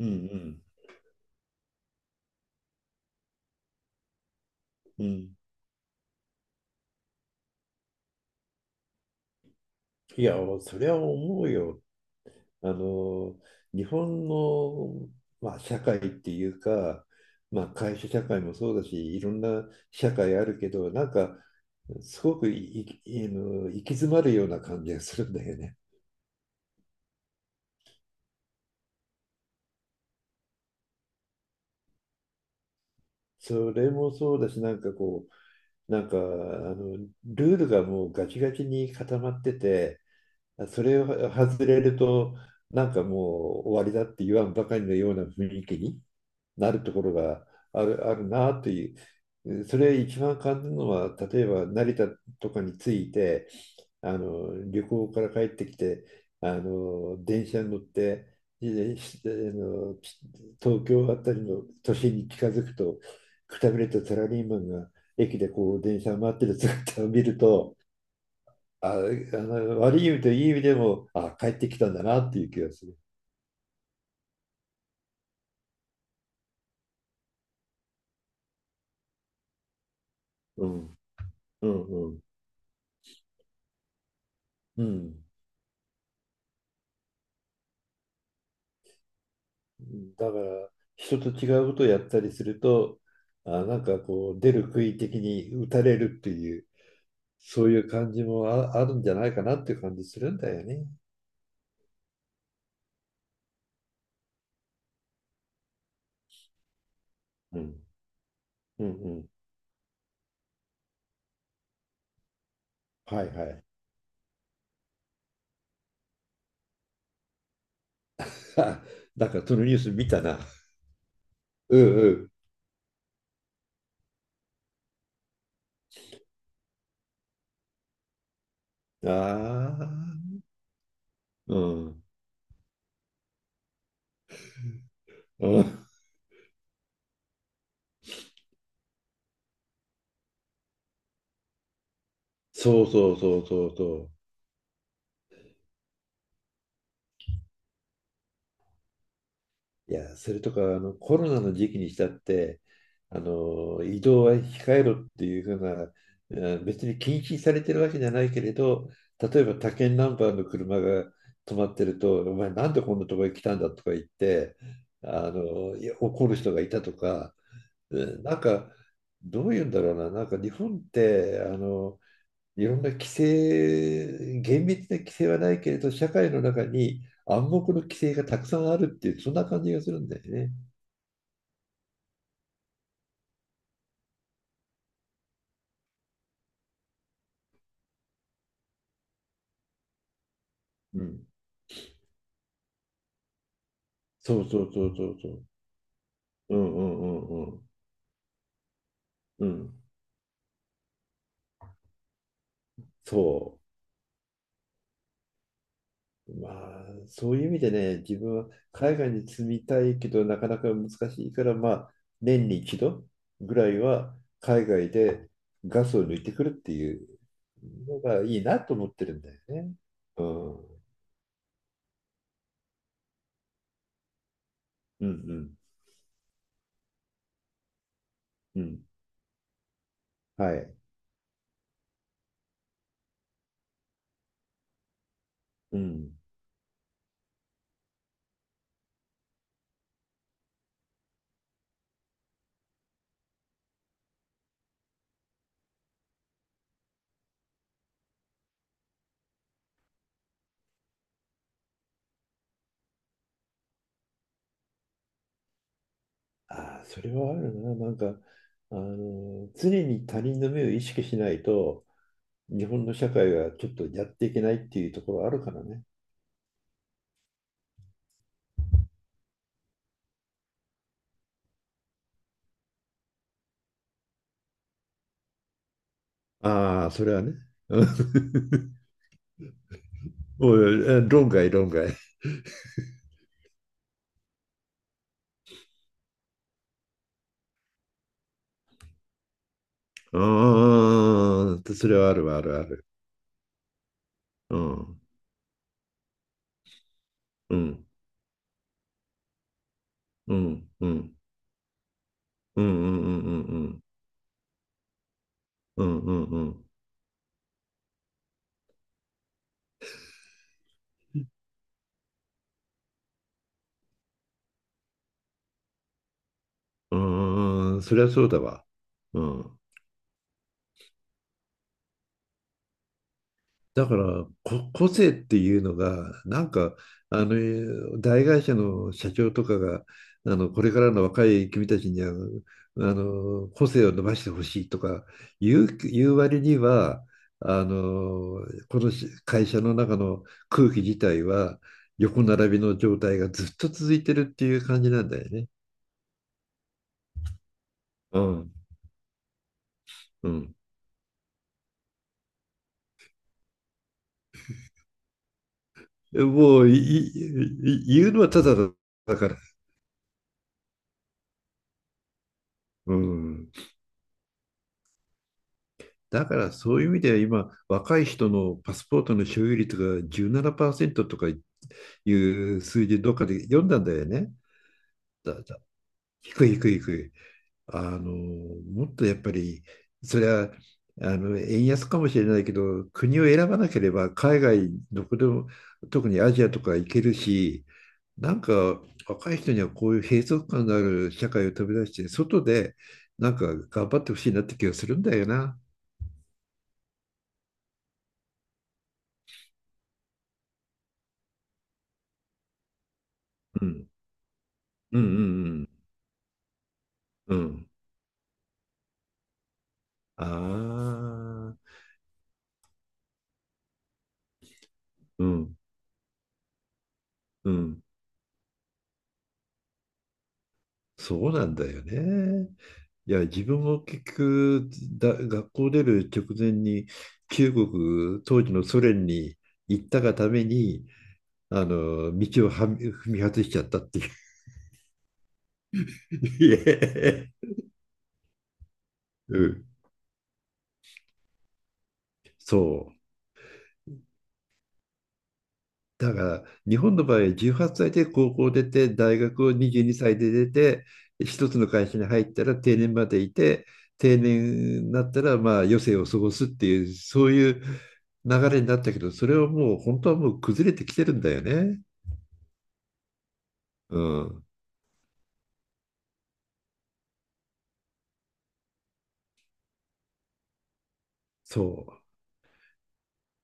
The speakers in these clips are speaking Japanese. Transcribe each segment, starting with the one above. うんうんうん。いや、それは思うよ。あの、日本の、社会っていうか、会社社会もそうだし、いろんな社会あるけど、すごくいい行き詰まるような感じがするんだよね。それもそうだし、う、なんか、あの、ルールがもうガチガチに固まってて、それを外れると、なんかもう終わりだって言わんばかりのような雰囲気になるところがあるなっていう、それ一番感じるのは、例えば成田とかに着いて、あの旅行から帰ってきて、あの電車に乗って、あの東京あたりの都心に近づくと、くたびれたサラリーマンが駅でこう電車を待ってる姿を見ると、あの悪い意味といい意味でも、あ、帰ってきたんだなっていう気がする。うん、うん、うん、うん。だから人と違うことをやったりするとなんかこう出る杭的に打たれるっていうそういう感じもあるんじゃないかなっていう感じするんだよね。うん、うん、うん。はいはい。なんかそのニュース見たな。うんうん。ああ。うん。うん。そうそうそうそうそう。いや、それとか、コロナの時期にしたって、移動は控えろっていうふうな、別に禁止されてるわけじゃないけれど、例えば他県ナンバーの車が止まってると、お前なんでこんなとこへ来たんだとか言って、いや怒る人がいたとか、うんなんか、どういうんだろうな、なんか日本って、いろんな規制、厳密な規制はないけれど、社会の中に暗黙の規制がたくさんあるっていう、そんな感じがするんだよね。うん。そうそうそうそうそう。うんうんうんうん。うん。そう。まあ、そういう意味でね、自分は海外に住みたいけど、なかなか難しいから、まあ、年に一度ぐらいは海外でガスを抜いてくるっていうのがいいなと思ってるんだよね。うん。うんうん。うん。はい。うん。ああ、それはあるな。常に他人の目を意識しないと、日本の社会がちょっとやっていけないっていうところあるからね。ああ、それはね。うん。 おいおいえ論外、論外。うん、それはあるわ、あるある。うん、うん、うん、うん、うん、うん、うん、うん、うん、うん、うん、うん、うんうん、それはそうだわ。うん。だから、個性っていうのが、大会社の社長とかが、これからの若い君たちには、個性を伸ばしてほしいとか言う割には、この会社の中の空気自体は、横並びの状態がずっと続いてるっていう感じなんだよね。うん。うん。もう、い言うのはただだから。うん。だからそういう意味では今、若い人のパスポートの所有率が17%とかいう数字どっかで読んだんだよね。だだ低い低い低い。あの、もっとやっぱり、それは円安かもしれないけど、国を選ばなければ海外どこでも、特にアジアとか行けるし、なんか若い人にはこういう閉塞感のある社会を飛び出して、外で頑張ってほしいなって気がするんだよな。うん。うんうんうん。うん。ああ、うん、うん。そうなんだよね。いや、自分も結局、学校出る直前に、当時のソ連に行ったがために、道を踏み外しちゃったっていう。いえうん、そう。だから日本の場合18歳で高校を出て大学を22歳で出て一つの会社に入ったら定年までいて定年になったらまあ余生を過ごすっていうそういう流れになったけど、それはもう本当はもう崩れてきてるんだよね。うん、そう。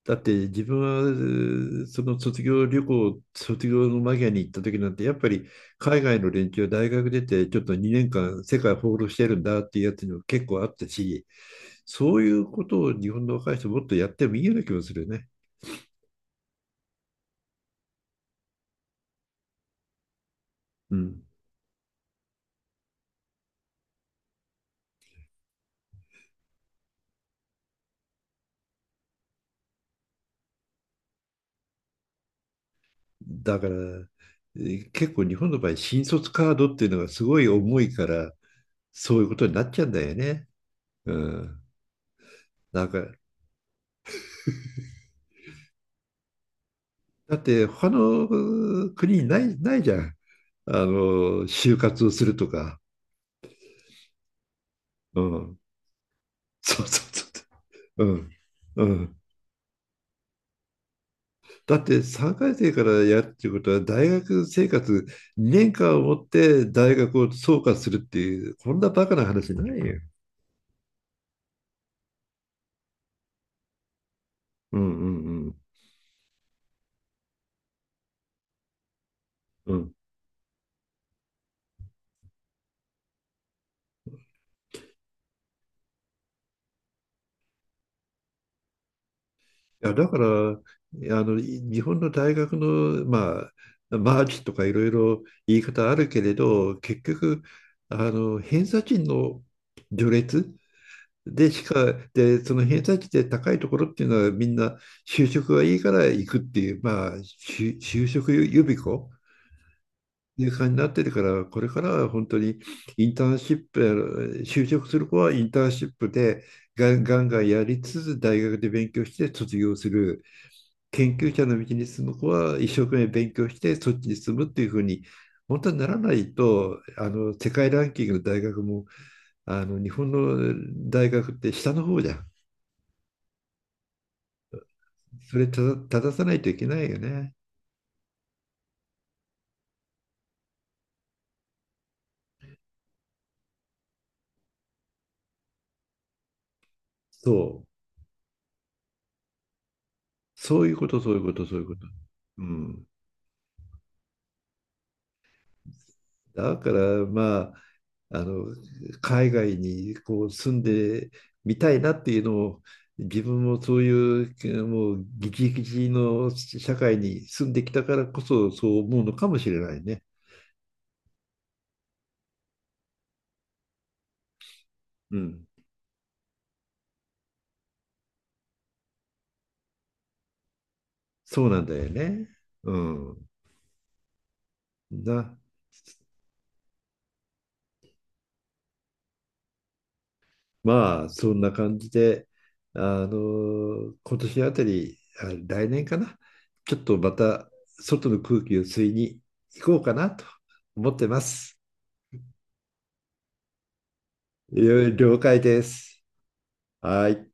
だって自分はその卒業の間際に行った時なんて、やっぱり海外の連中は大学出てちょっと2年間世界放浪してるんだっていうやつにも結構あったし、そういうことを日本の若い人もっとやってもいいような気もするよね。うん。だから、結構日本の場合、新卒カードっていうのがすごい重いから、そういうことになっちゃうんだよね。うん。なんか、だって他の国にない、ないじゃん。就活をするとか、うん、そうそうそうん、うん。だって3回生からやるっていうことは、大学生活2年間をもって大学を総括するっていう、こんなバカな話ないよ。うんうんうんうん。いや、だから、日本の大学の、まあ、マーチとかいろいろ言い方あるけれど、結局、偏差値の序列、で、しか、で、その偏差値で高いところっていうのはみんな就職がいいから行くっていう、まあ、就職予備校っていう感じになってるから、これからは本当にインターンシップ、就職する子はインターンシップでガンガンやりつつ大学で勉強して卒業する。研究者の道に進む子は一生懸命勉強してそっちに進むっていうふうに、本当にならないと、世界ランキングの大学も、日本の大学って下の方じゃん。それ正さないといけないよね。そう。そういうこと、そういうこと、そういうこと。うん。だから、まあ、あの、海外にこう住んでみたいなっていうのを、自分もそういう、もう、ギチギチの社会に住んできたからこそ、そう思うのかもしれないね。うん。そうなんだよね。うん。な。まあ、そんな感じで、今年あたり、来年かな、ちょっとまた外の空気を吸いに行こうかなと思ってます。了解です。はい。